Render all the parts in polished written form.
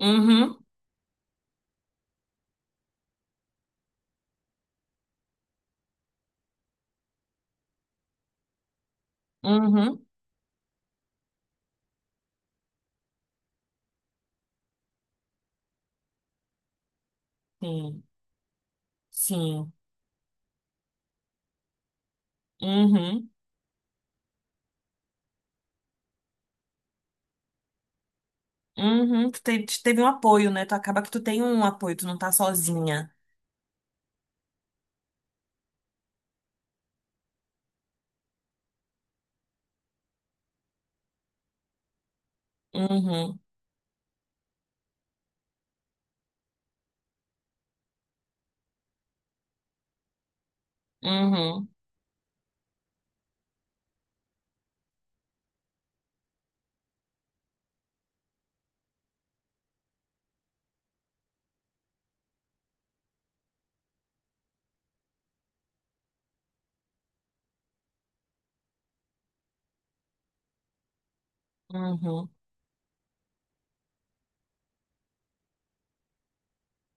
Uhum, uhum, sim, sim, uhum, uhum. Tu teve um apoio, né? Tu acaba que tu tem um apoio, tu não tá sozinha. Uhum, uhum, uhum.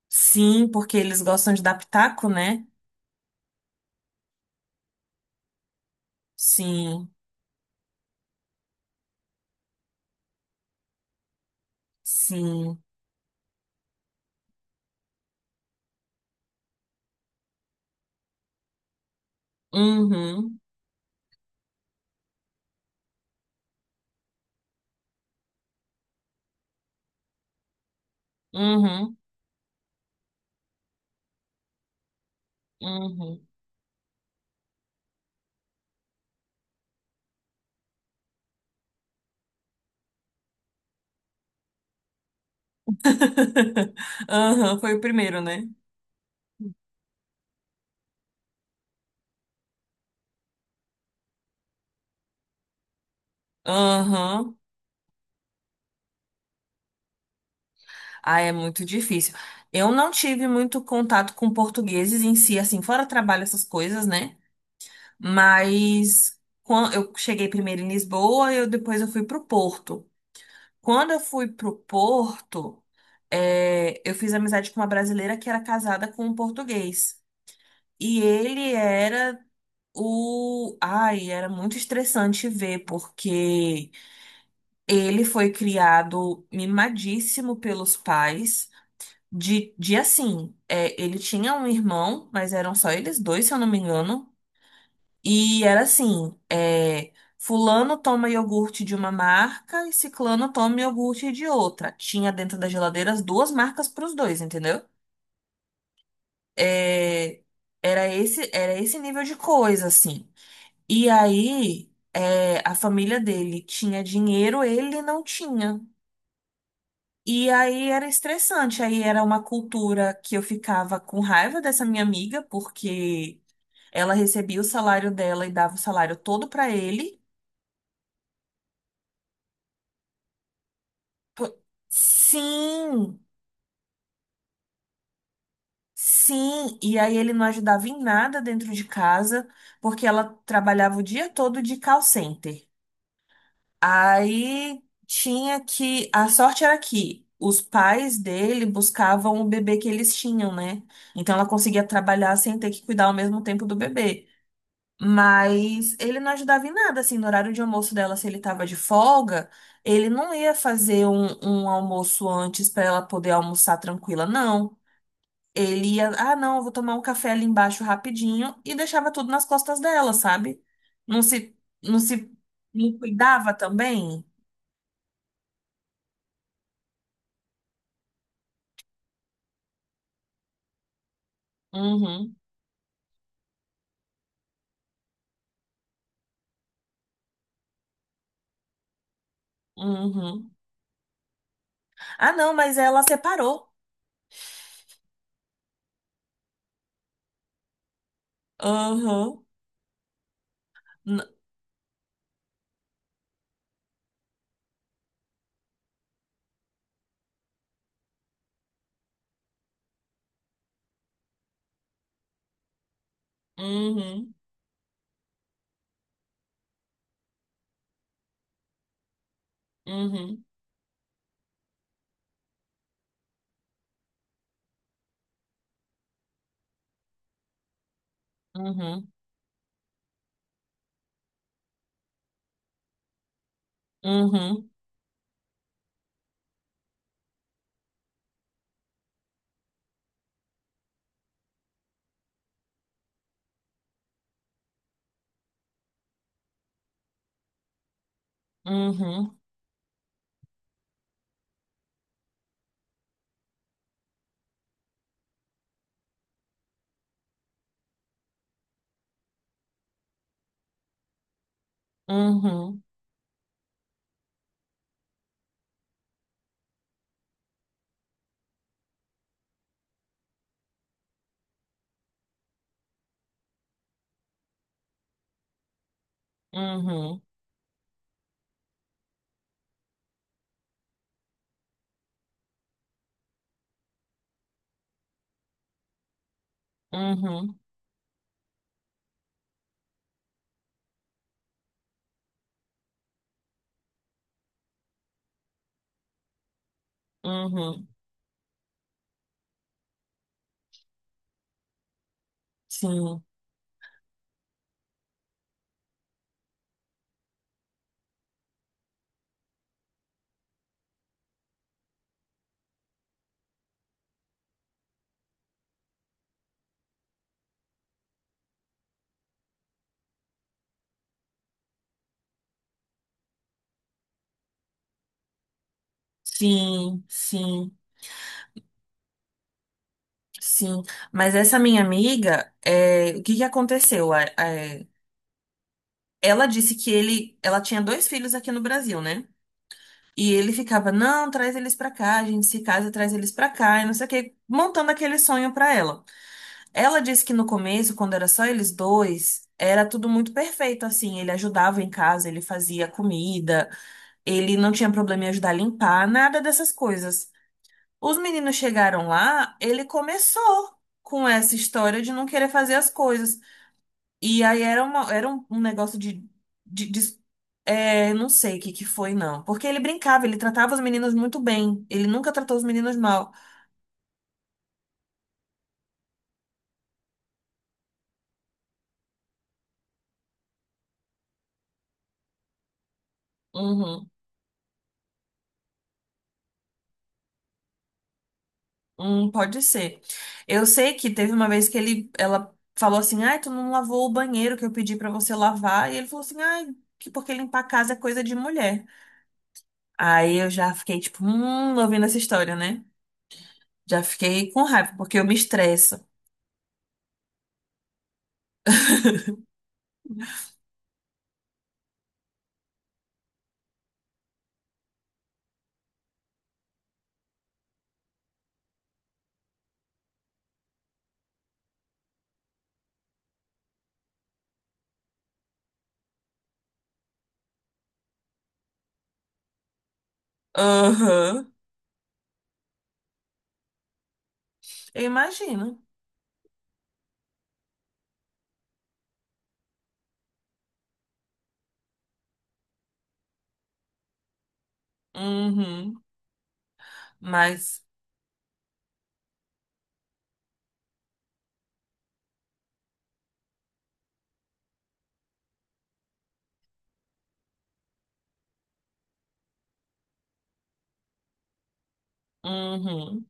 Sim, porque eles gostam de dar pitaco, né? Sim, sim. Uhum, uhum, uhum. Aham, foi o primeiro, né? Aham. Ah, é muito difícil. Eu não tive muito contato com portugueses em si, assim, fora trabalho, essas coisas, né? Mas eu cheguei primeiro em Lisboa depois eu fui pro Porto. Quando eu fui pro Porto, eu fiz amizade com uma brasileira que era casada com um português. E ele era o. Ai, era muito estressante ver, porque ele foi criado mimadíssimo pelos pais. Ele tinha um irmão, mas eram só eles dois, se eu não me engano. E era assim, fulano toma iogurte de uma marca e ciclano toma iogurte de outra. Tinha dentro da geladeira as duas marcas para os dois, entendeu? É, era esse nível de coisa, assim. E aí, a família dele tinha dinheiro, ele não tinha. E aí era estressante, aí era uma cultura que eu ficava com raiva dessa minha amiga, porque ela recebia o salário dela e dava o salário todo para ele. Pô, sim, sim. E aí ele não ajudava em nada dentro de casa, porque ela trabalhava o dia todo de call center. Aí tinha que. A sorte era que os pais dele buscavam o bebê que eles tinham, né? Então ela conseguia trabalhar sem ter que cuidar ao mesmo tempo do bebê. Mas ele não ajudava em nada, assim, no horário de almoço dela, se ele tava de folga, ele não ia fazer um almoço antes para ela poder almoçar tranquila, não. Ele ia, ah, não, eu vou tomar um café ali embaixo rapidinho, e deixava tudo nas costas dela, sabe? Não se, não se, não cuidava também? Uhum, uhum. Ah, não, mas ela separou. Uhum, n- uhum, uhum, uhum, uhum, uhum, uhum, uhum, uhum, uhum. Sim, sim, sim, sim. Mas essa minha amiga, o que que aconteceu? Ela disse que ela tinha dois filhos aqui no Brasil, né? E ele ficava, não, traz eles pra cá, a gente se casa, traz eles pra cá, e não sei o quê, montando aquele sonho pra ela. Ela disse que no começo, quando era só eles dois, era tudo muito perfeito, assim, ele ajudava em casa, ele fazia comida, ele não tinha problema em ajudar a limpar, nada dessas coisas. Os meninos chegaram lá, ele começou com essa história de não querer fazer as coisas. E aí era um negócio de, de- não sei o que que foi, não. Porque ele brincava, ele tratava os meninos muito bem. Ele nunca tratou os meninos mal. Uhum, pode ser. Eu sei que teve uma vez que ela falou assim, ai, tu não lavou o banheiro que eu pedi pra você lavar. E ele falou assim, ai, que porque limpar a casa é coisa de mulher. Aí eu já fiquei, tipo, ouvindo essa história, né? Já fiquei com raiva, porque eu me estresso. Aham, eu imagino. Uhum. Mas, uhum.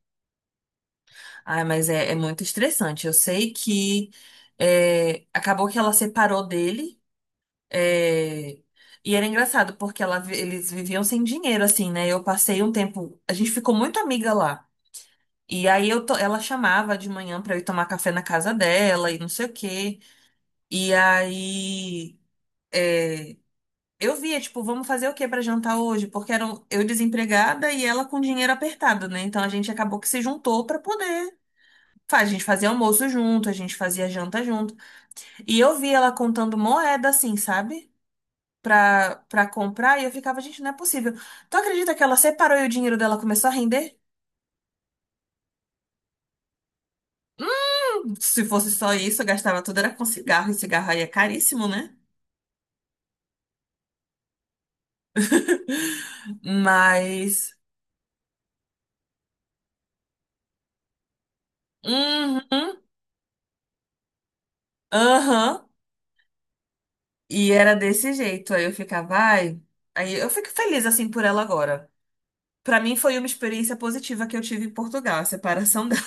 Ai, mas é muito estressante. Eu sei que acabou que ela separou dele. é, e era engraçado, porque eles viviam sem dinheiro, assim, né? Eu passei um tempo. A gente ficou muito amiga lá. E aí ela chamava de manhã pra eu ir tomar café na casa dela e não sei o quê. E aí. é, Eu via, tipo, vamos fazer o que pra jantar hoje? Porque eram eu desempregada e ela com dinheiro apertado, né? Então a gente acabou que se juntou pra poder a gente fazia almoço junto, a gente fazia janta junto. E eu vi ela contando moeda assim, sabe? Pra comprar, e eu ficava, gente, não é possível. Tu acredita que ela separou e o dinheiro dela começou a render? Se fosse só isso, eu gastava tudo, era com cigarro, e cigarro aí é caríssimo, né? Mas. Uhum, aham. E era desse jeito. Aí eu ficava, ai. Aí eu fico feliz assim por ela agora. Pra mim foi uma experiência positiva que eu tive em Portugal, a separação dela,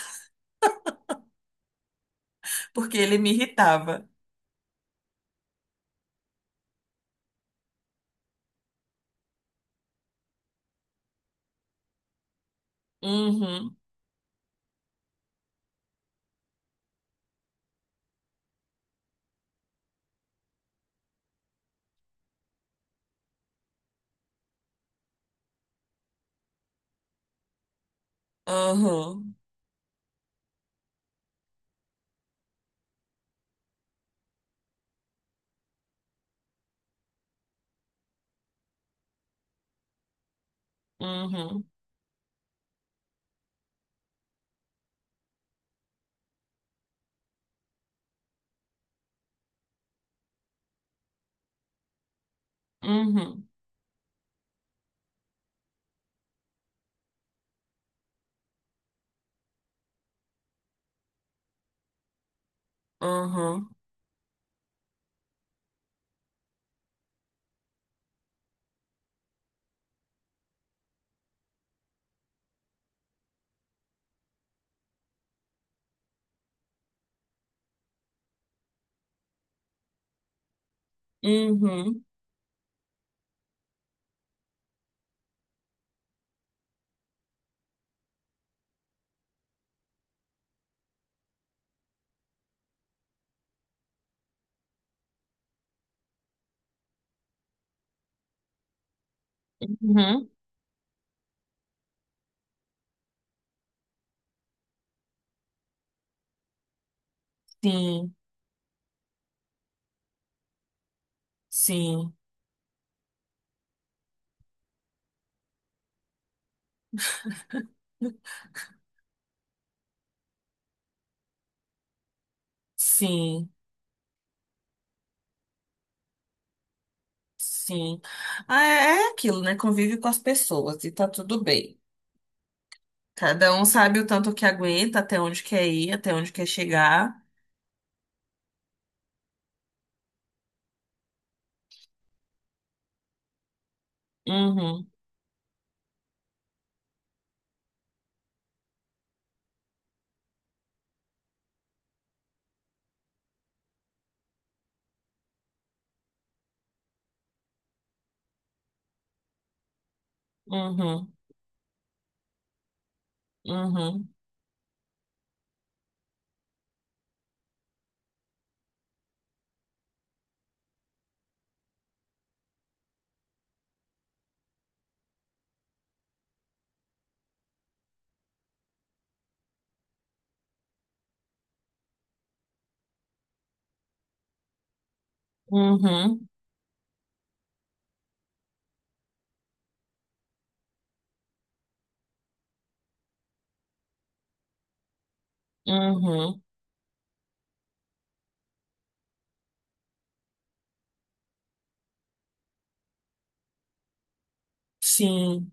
porque ele me irritava. Uhum, uhum, uhum, uhum, uhum, uhum, uhum. Sim, sim, sim, sim. Ah, é aquilo, né? Convive com as pessoas e tá tudo bem. Cada um sabe o tanto que aguenta, até onde quer ir, até onde quer chegar. Uhum, uhum, uhum, uhum, uhum. Sim,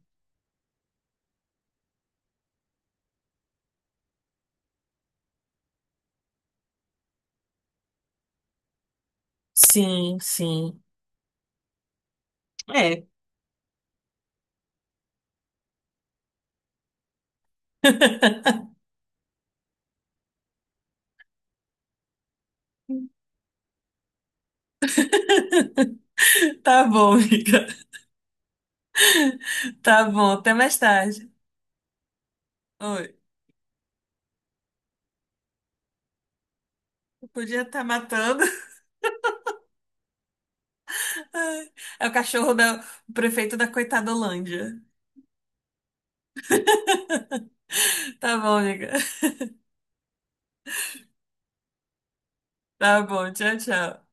sim, sim. É. Tá bom, amiga. Tá bom. Até mais tarde. Oi. Podia estar matando. É o cachorro o prefeito da coitadolândia. Tá bom, amiga. Tá bom, tchau, tchau.